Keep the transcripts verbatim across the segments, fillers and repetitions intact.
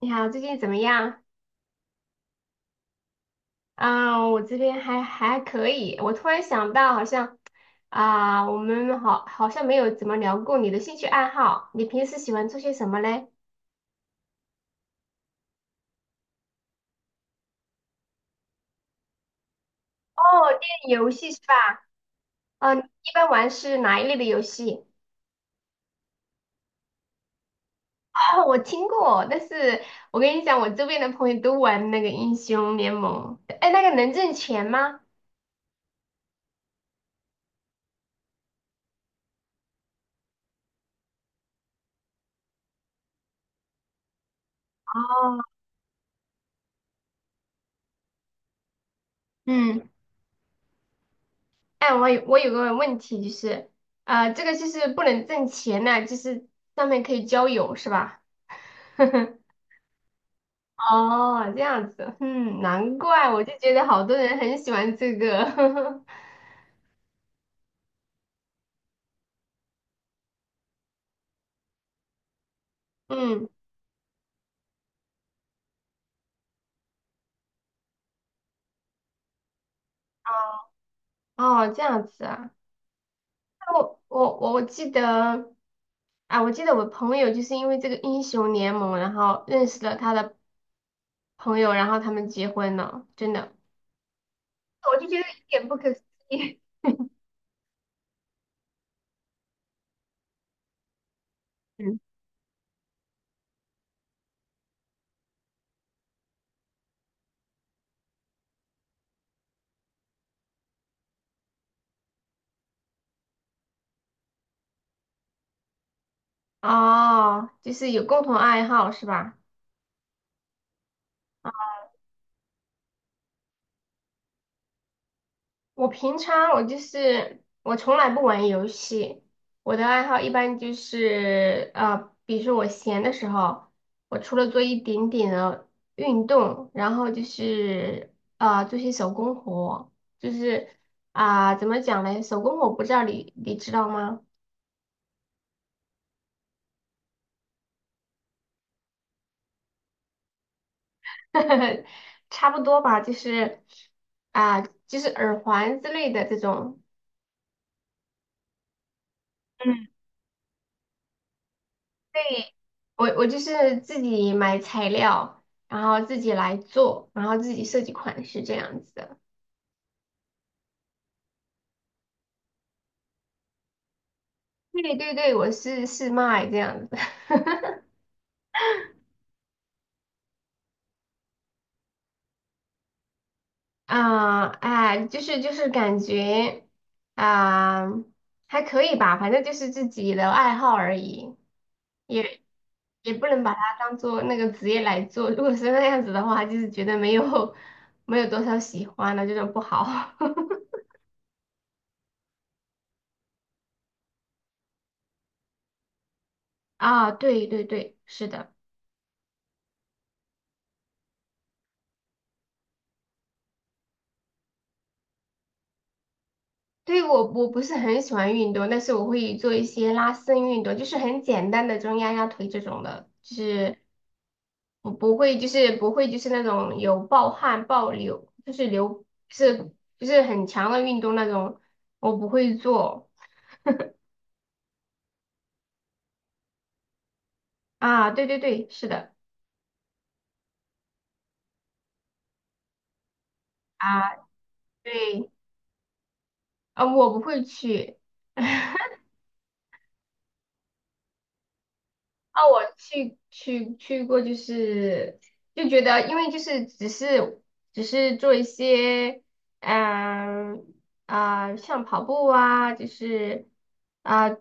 你好，最近怎么样？啊、我这边还还可以。我突然想到，好像啊、我们好好像没有怎么聊过你的兴趣爱好。你平时喜欢做些什么嘞？哦，电影游戏是吧？嗯、你一般玩是哪一类的游戏？哦，我听过，但是我跟你讲，我周边的朋友都玩那个英雄联盟。哎，那个能挣钱吗？哦，嗯，哎，我有我有个问题，就是，啊，这个就是不能挣钱呐，就是上面可以交友是吧？哦，这样子，嗯，难怪我就觉得好多人很喜欢这个，嗯，哦，这样子啊，那我我我我记得啊，我记得我朋友就是因为这个英雄联盟，然后认识了他的朋友，然后他们结婚了，真的，我就觉得一点不可思议。嗯，哦，就是有共同爱好是吧？我平常我就是我从来不玩游戏，我的爱好一般就是呃，比如说我闲的时候，我除了做一点点的运动，然后就是呃做些手工活，就是啊、怎么讲嘞？手工活不知道你你知道吗？差不多吧，就是啊、就是耳环之类的这种。嗯。对，我我就是自己买材料，然后自己来做，然后自己设计款式这样子的。对对对，我是是卖这样子。啊，哎，就是就是感觉啊，还可以吧，反正就是自己的爱好而已，也也不能把它当做那个职业来做。如果是那样子的话，就是觉得没有没有多少喜欢的，这种不好。啊，对对对，是的。对，我我不是很喜欢运动，但是我会做一些拉伸运动，就是很简单的这种压压腿这种的，就是我不会，就是不会，就是那种有暴汗、暴流，就是流，是就是很强的运动那种，我不会做啊。对对对，是的啊，对啊，我不会去。啊，我去去去过，就是就觉得，因为就是只是只是做一些，嗯啊、像跑步啊，就是啊、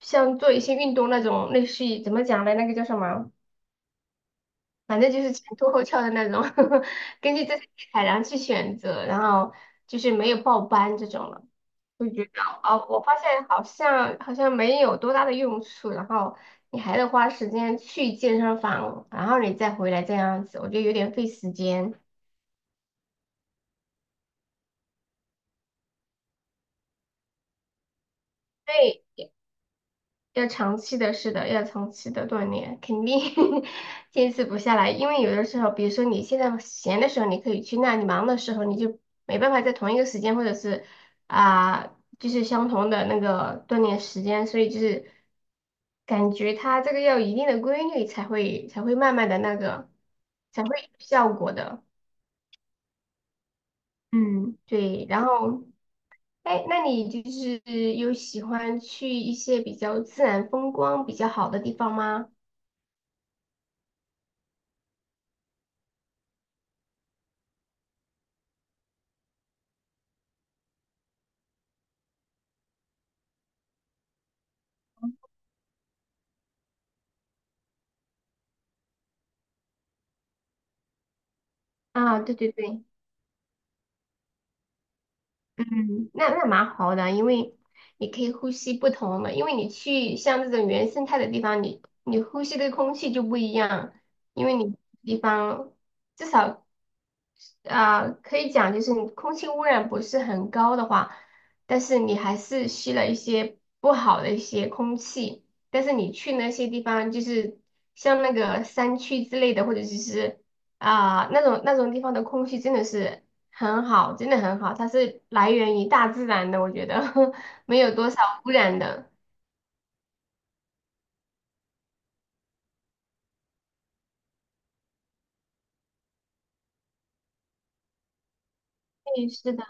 像做一些运动那种，类似于怎么讲呢？那个叫什么？反正就是前凸后翘的那种，根据自己的体态然后去选择，然后就是没有报班这种了。我觉得哦，我发现好像好像没有多大的用处，然后你还得花时间去健身房，然后你再回来这样子，我觉得有点费时间。对，要长期的，是的，要长期的锻炼，肯定 坚持不下来。因为有的时候，比如说你现在闲的时候，你可以去那；你忙的时候，你就没办法在同一个时间，或者是啊、就是相同的那个锻炼时间。所以就是感觉它这个要有一定的规律，才会才会慢慢的那个，才会有效果的。嗯，对。然后，哎，那你就是有喜欢去一些比较自然风光比较好的地方吗？啊，对对对，嗯，那那蛮好的，因为你可以呼吸不同的，因为你去像这种原生态的地方，你你呼吸的空气就不一样，因为你地方至少。啊，可以讲就是你空气污染不是很高的话，但是你还是吸了一些不好的一些空气，但是你去那些地方，就是像那个山区之类的，或者就是啊、那种那种地方的空气真的是很好，真的很好，它是来源于大自然的，我觉得 没有多少污染的。对，是的。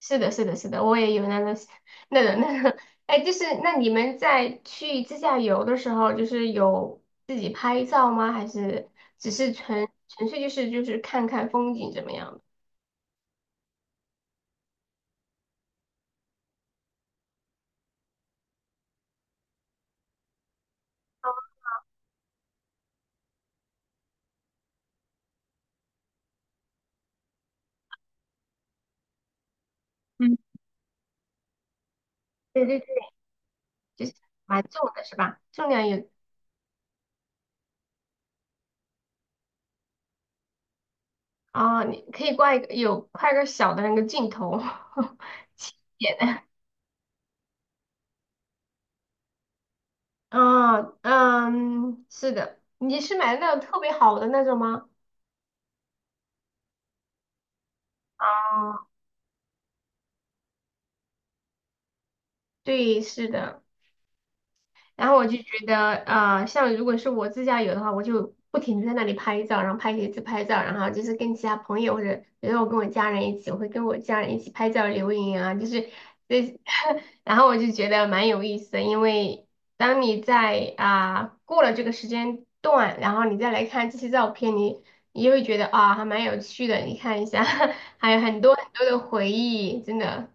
是的，是的，是的，我也有那种 那个那个，哎，就是那你们在去自驾游的时候，就是有自己拍照吗？还是只是纯纯粹就是就是看看风景怎么样的？嗯，对对对。就是蛮重的是吧？重量也啊，你可以挂一个有挂一个小的那个镜头 点的。哦，嗯，是的，你是买的那种特别好的那种吗？啊，对，是的。然后我就觉得，啊，像如果是我自驾游的话，我就不停的在那里拍照，然后拍一次拍照，然后就是跟其他朋友或者比如说我跟我家人一起，我会跟我家人一起拍照留影啊，就是这，然后我就觉得蛮有意思的，因为当你在啊、过了这个时间段，然后你再来看这些照片，你你就会觉得啊、还蛮有趣的，你看一下，还有很多很多的回忆，真的。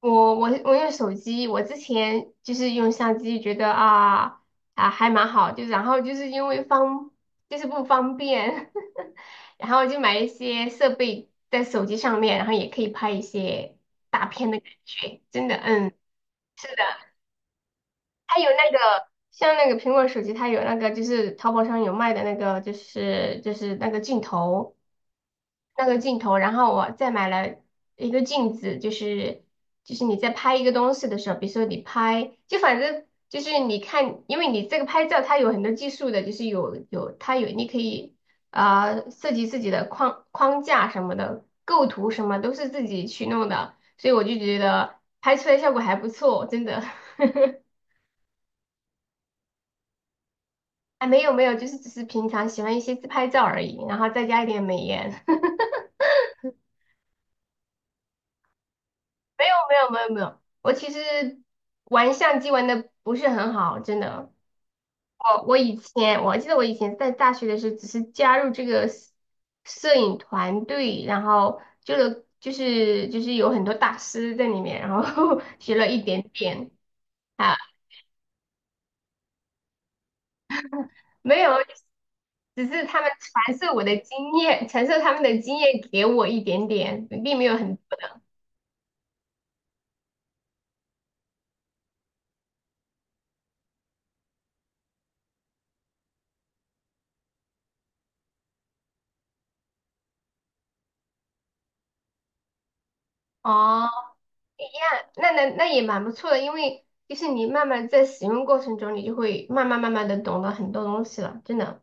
我我我用手机，我之前就是用相机，觉得啊啊还蛮好，就然后就是因为方就是不方便，然后就买一些设备在手机上面，然后也可以拍一些大片的感觉，真的，嗯，是的，它有那个像那个苹果手机，它有那个就是淘宝上有卖的那个就是就是那个镜头。那个镜头，然后我再买了一个镜子，就是就是你在拍一个东西的时候，比如说你拍，就反正就是你看，因为你这个拍照它有很多技术的，就是有有它有你可以啊、呃设计自己的框框架什么的，构图什么都是自己去弄的，所以我就觉得拍出来效果还不错，真的。啊，没有没有，就是只是平常喜欢一些自拍照而已，然后再加一点美颜。没有没有没有没有，我其实玩相机玩的不是很好，真的。我我以前我记得我以前在大学的时候，只是加入这个摄摄影团队，然后就了就是就是有很多大师在里面，然后 学了一点点啊，没有，只是他们传授我的经验，传授他们的经验给我一点点，并没有很多。哦一样，那那那也蛮不错的，因为就是你慢慢在使用过程中，你就会慢慢慢慢的懂得很多东西了，真的。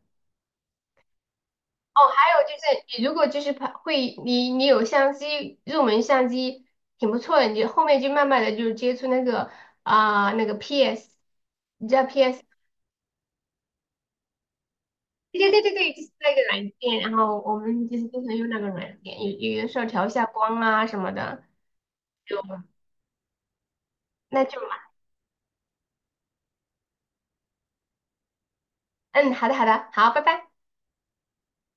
哦，还有就是你如果就是拍会，你你有相机，入门相机挺不错的，你就后面就慢慢的就接触那个啊、那个 P S，你知道 P S？对对对对对，就是那个软件，然后我们就是经常用那个软件，有有的时候调一下光啊什么的，就那就嘛，嗯，好的好的，好，拜拜。